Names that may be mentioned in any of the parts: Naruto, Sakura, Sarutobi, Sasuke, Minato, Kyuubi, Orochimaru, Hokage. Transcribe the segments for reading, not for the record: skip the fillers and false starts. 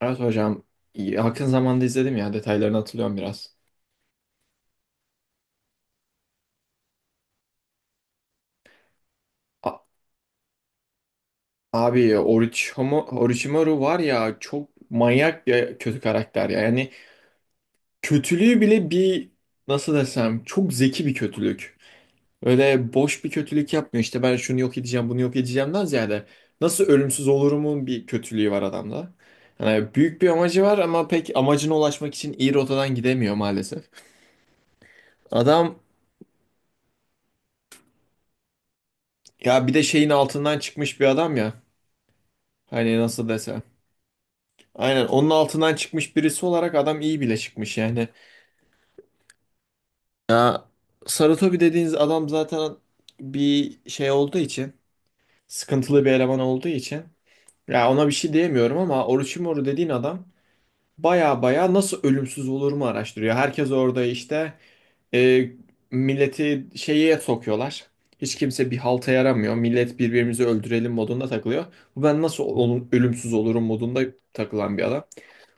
Evet hocam. Yakın zamanda izledim ya. Detaylarını hatırlıyorum biraz. A- Abi Orochimaru var ya, çok manyak bir kötü karakter ya. Yani kötülüğü bile bir, nasıl desem, çok zeki bir kötülük. Öyle boş bir kötülük yapmıyor. İşte ben şunu yok edeceğim, bunu yok edeceğimden ziyade nasıl ölümsüz olurumun bir kötülüğü var adamda. Yani büyük bir amacı var ama pek amacına ulaşmak için iyi rotadan gidemiyor maalesef. Adam ya, bir de şeyin altından çıkmış bir adam ya. Hani nasıl desem. Aynen onun altından çıkmış birisi olarak adam iyi bile çıkmış yani. Ya, Sarutobi dediğiniz adam zaten bir şey olduğu için, sıkıntılı bir eleman olduğu için, ya ona bir şey diyemiyorum ama Orochimaru dediğin adam baya baya nasıl ölümsüz olur mu araştırıyor. Herkes orada işte, e, milleti şeye sokuyorlar. Hiç kimse bir halta yaramıyor. Millet birbirimizi öldürelim modunda takılıyor. Bu, ben nasıl ölümsüz olurum modunda takılan bir adam.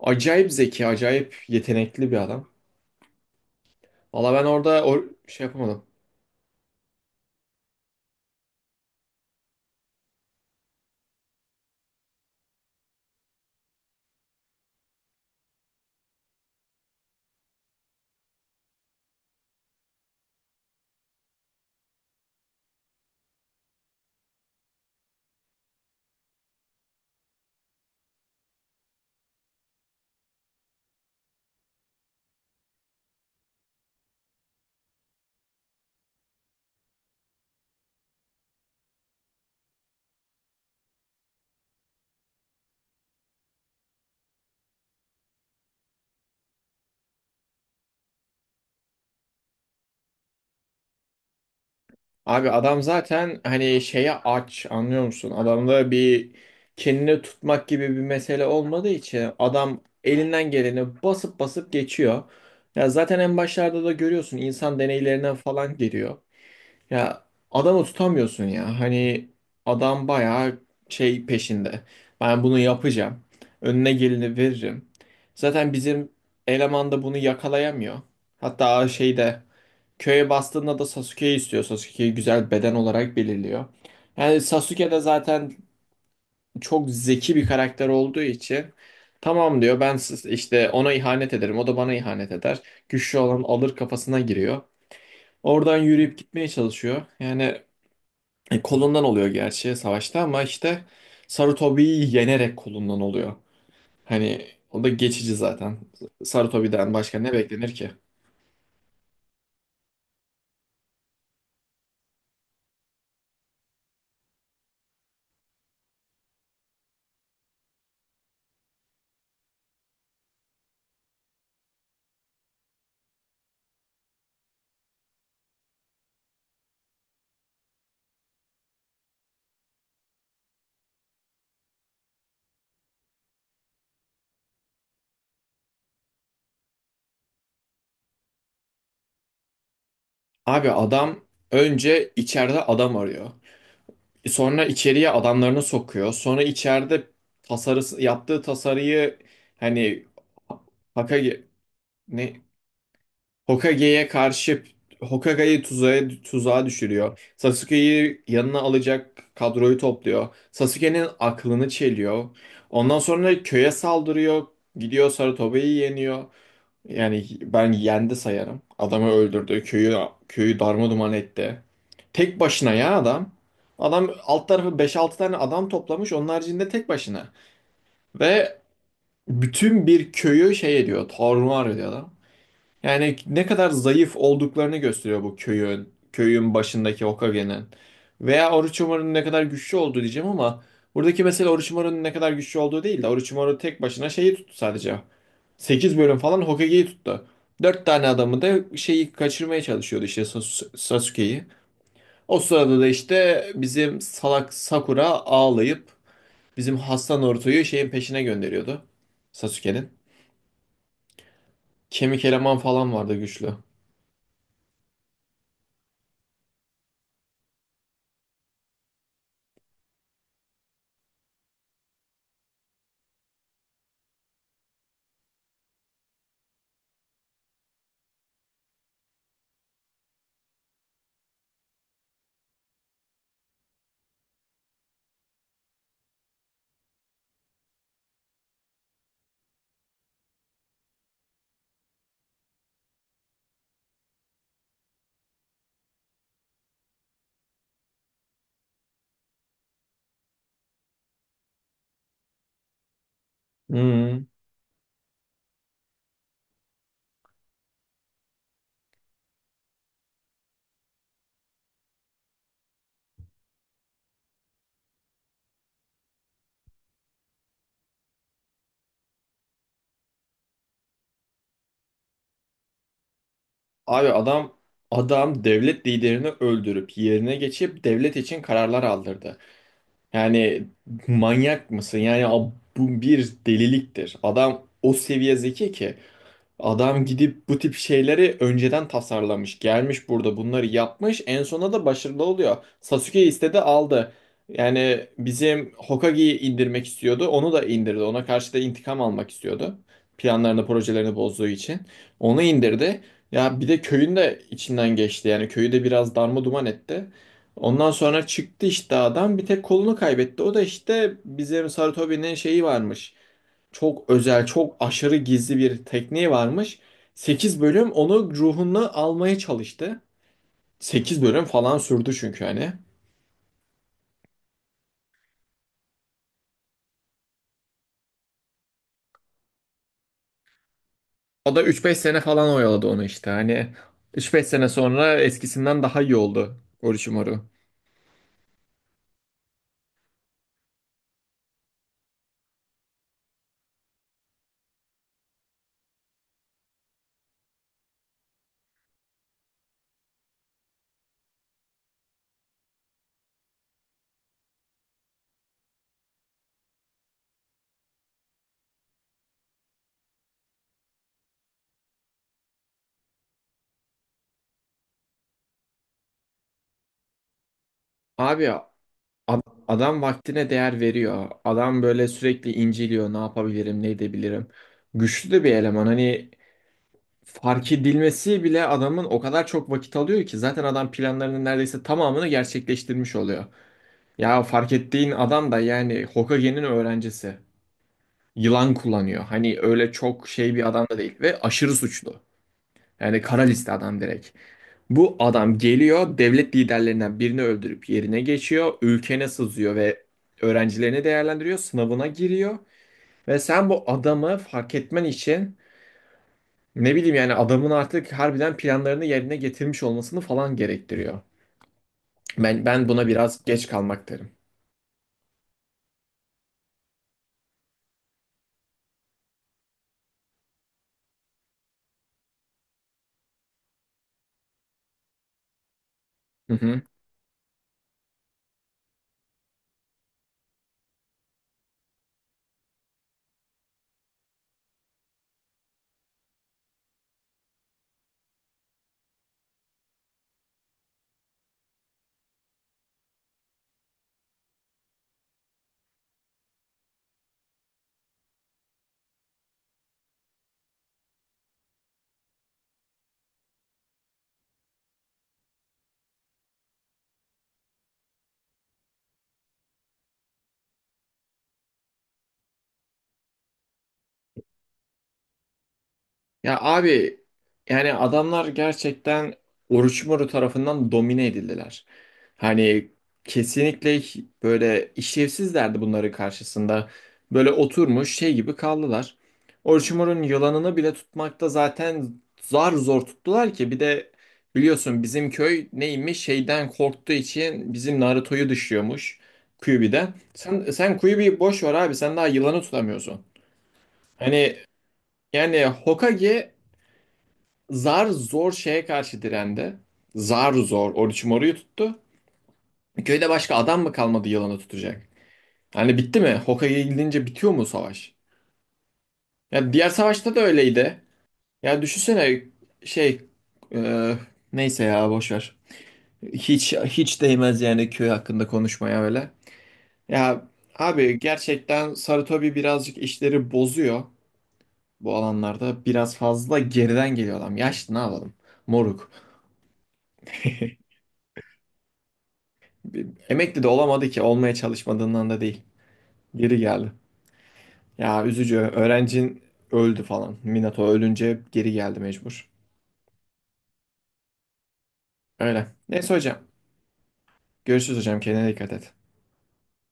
Acayip zeki, acayip yetenekli bir adam. Valla ben orada o şey yapamadım. Abi adam zaten hani şeye aç, anlıyor musun? Adamda bir kendini tutmak gibi bir mesele olmadığı için adam elinden geleni basıp basıp geçiyor. Ya zaten en başlarda da görüyorsun, insan deneylerinden falan giriyor. Ya, adamı tutamıyorsun ya. Hani adam bayağı şey peşinde. Ben bunu yapacağım. Önüne geleni veririm. Zaten bizim eleman da bunu yakalayamıyor. Hatta şeyde, köye bastığında da Sasuke'yi istiyor. Sasuke'yi güzel beden olarak belirliyor. Yani Sasuke de zaten çok zeki bir karakter olduğu için tamam diyor, ben işte ona ihanet ederim, o da bana ihanet eder. Güçlü olan alır kafasına giriyor. Oradan yürüyüp gitmeye çalışıyor. Yani kolundan oluyor gerçi savaşta ama işte Sarutobi'yi yenerek kolundan oluyor. Hani o da geçici zaten. Sarutobi'den başka ne beklenir ki? Abi adam önce içeride adam arıyor. Sonra içeriye adamlarını sokuyor. Sonra içeride tasarısı, yaptığı tasarıyı, hani Hokage, ne, Hokage'ye karşı, Hokage'yi tuzağa düşürüyor. Sasuke'yi yanına alacak kadroyu topluyor. Sasuke'nin aklını çeliyor. Ondan sonra köye saldırıyor. Gidiyor, Sarutobi'yi yeniyor. Yani ben yendi sayarım. Adamı öldürdü. Köyü darmaduman etti. Tek başına ya adam. Adam alt tarafı beş altı tane adam toplamış. Onun haricinde tek başına. Ve bütün bir köyü şey ediyor. Tarumar ediyor adam. Yani ne kadar zayıf olduklarını gösteriyor bu köyün. Köyün başındaki Hokage'nin. Veya Orochimaru'nun ne kadar güçlü olduğu diyeceğim ama buradaki mesele Orochimaru'nun ne kadar güçlü olduğu değil de, Orochimaru tek başına şeyi tuttu sadece. 8 bölüm falan Hokage'yi tuttu. 4 tane adamı da şeyi kaçırmaya çalışıyordu, işte Sasuke'yi. O sırada da işte bizim salak Sakura ağlayıp bizim hasta Naruto'yu şeyin peşine gönderiyordu. Sasuke'nin. Kemik eleman falan vardı güçlü. Hmm. Abi adam devlet liderini öldürüp yerine geçip devlet için kararlar aldırdı. Yani manyak mısın? Yani bu bir deliliktir. Adam o seviye zeki ki adam gidip bu tip şeyleri önceden tasarlamış. Gelmiş burada bunları yapmış. En sona da başarılı oluyor. Sasuke istedi, aldı. Yani bizim Hokage'yi indirmek istiyordu, onu da indirdi. Ona karşı da intikam almak istiyordu, planlarını, projelerini bozduğu için. Onu indirdi. Ya bir de köyün de içinden geçti. Yani köyü de biraz darma duman etti. Ondan sonra çıktı işte adam. Bir tek kolunu kaybetti. O da işte bizim Sarutobi'nin şeyi varmış, çok özel, çok aşırı gizli bir tekniği varmış. 8 bölüm onu, ruhunu almaya çalıştı. Sekiz bölüm falan sürdü çünkü hani. O da üç beş sene falan oyaladı onu işte. Hani üç beş sene sonra eskisinden daha iyi oldu Orochimaru. Abi ad- adam vaktine değer veriyor. Adam böyle sürekli inceliyor. Ne yapabilirim, ne edebilirim. Güçlü de bir eleman. Hani fark edilmesi bile adamın o kadar çok vakit alıyor ki zaten adam planlarının neredeyse tamamını gerçekleştirmiş oluyor. Ya fark ettiğin adam da yani Hokage'nin öğrencisi. Yılan kullanıyor. Hani öyle çok şey bir adam da değil ve aşırı suçlu. Yani kara liste adam direkt. Bu adam geliyor, devlet liderlerinden birini öldürüp yerine geçiyor. Ülkene sızıyor ve öğrencilerini değerlendiriyor. Sınavına giriyor. Ve sen bu adamı fark etmen için, ne bileyim, yani adamın artık harbiden planlarını yerine getirmiş olmasını falan gerektiriyor. Ben buna biraz geç kalmak derim. Hı hı. Ya abi yani adamlar gerçekten Orochimaru tarafından domine edildiler. Hani kesinlikle böyle işlevsizlerdi bunların karşısında. Böyle oturmuş şey gibi kaldılar. Orochimaru'nun yılanını bile tutmakta zaten zar zor tuttular ki bir de biliyorsun bizim köy neymiş şeyden korktuğu için bizim Naruto'yu dışlıyormuş, Kyuubi'den. Sen Kyuubi'yi boş ver abi, sen daha yılanı tutamıyorsun. Hani yani Hokage zar zor şeye karşı direndi. Zar zor Orochimaru'yu, moruyu tuttu. Köyde başka adam mı kalmadı yılanı tutacak? Hani bitti mi? Hokage'ye gidince bitiyor mu savaş? Ya diğer savaşta da öyleydi. Ya düşünsene şey, e, neyse ya boş ver. Hiç değmez yani köy hakkında konuşmaya öyle. Ya abi, gerçekten Sarutobi birazcık işleri bozuyor bu alanlarda. Biraz fazla geriden geliyor adam. Yaşlı, ne yapalım? Moruk. Emekli de olamadı ki. Olmaya çalışmadığından da değil. Geri geldi. Ya üzücü. Öğrencin öldü falan. Minato ölünce geri geldi mecbur. Öyle. Neyse hocam. Görüşürüz hocam. Kendine dikkat et.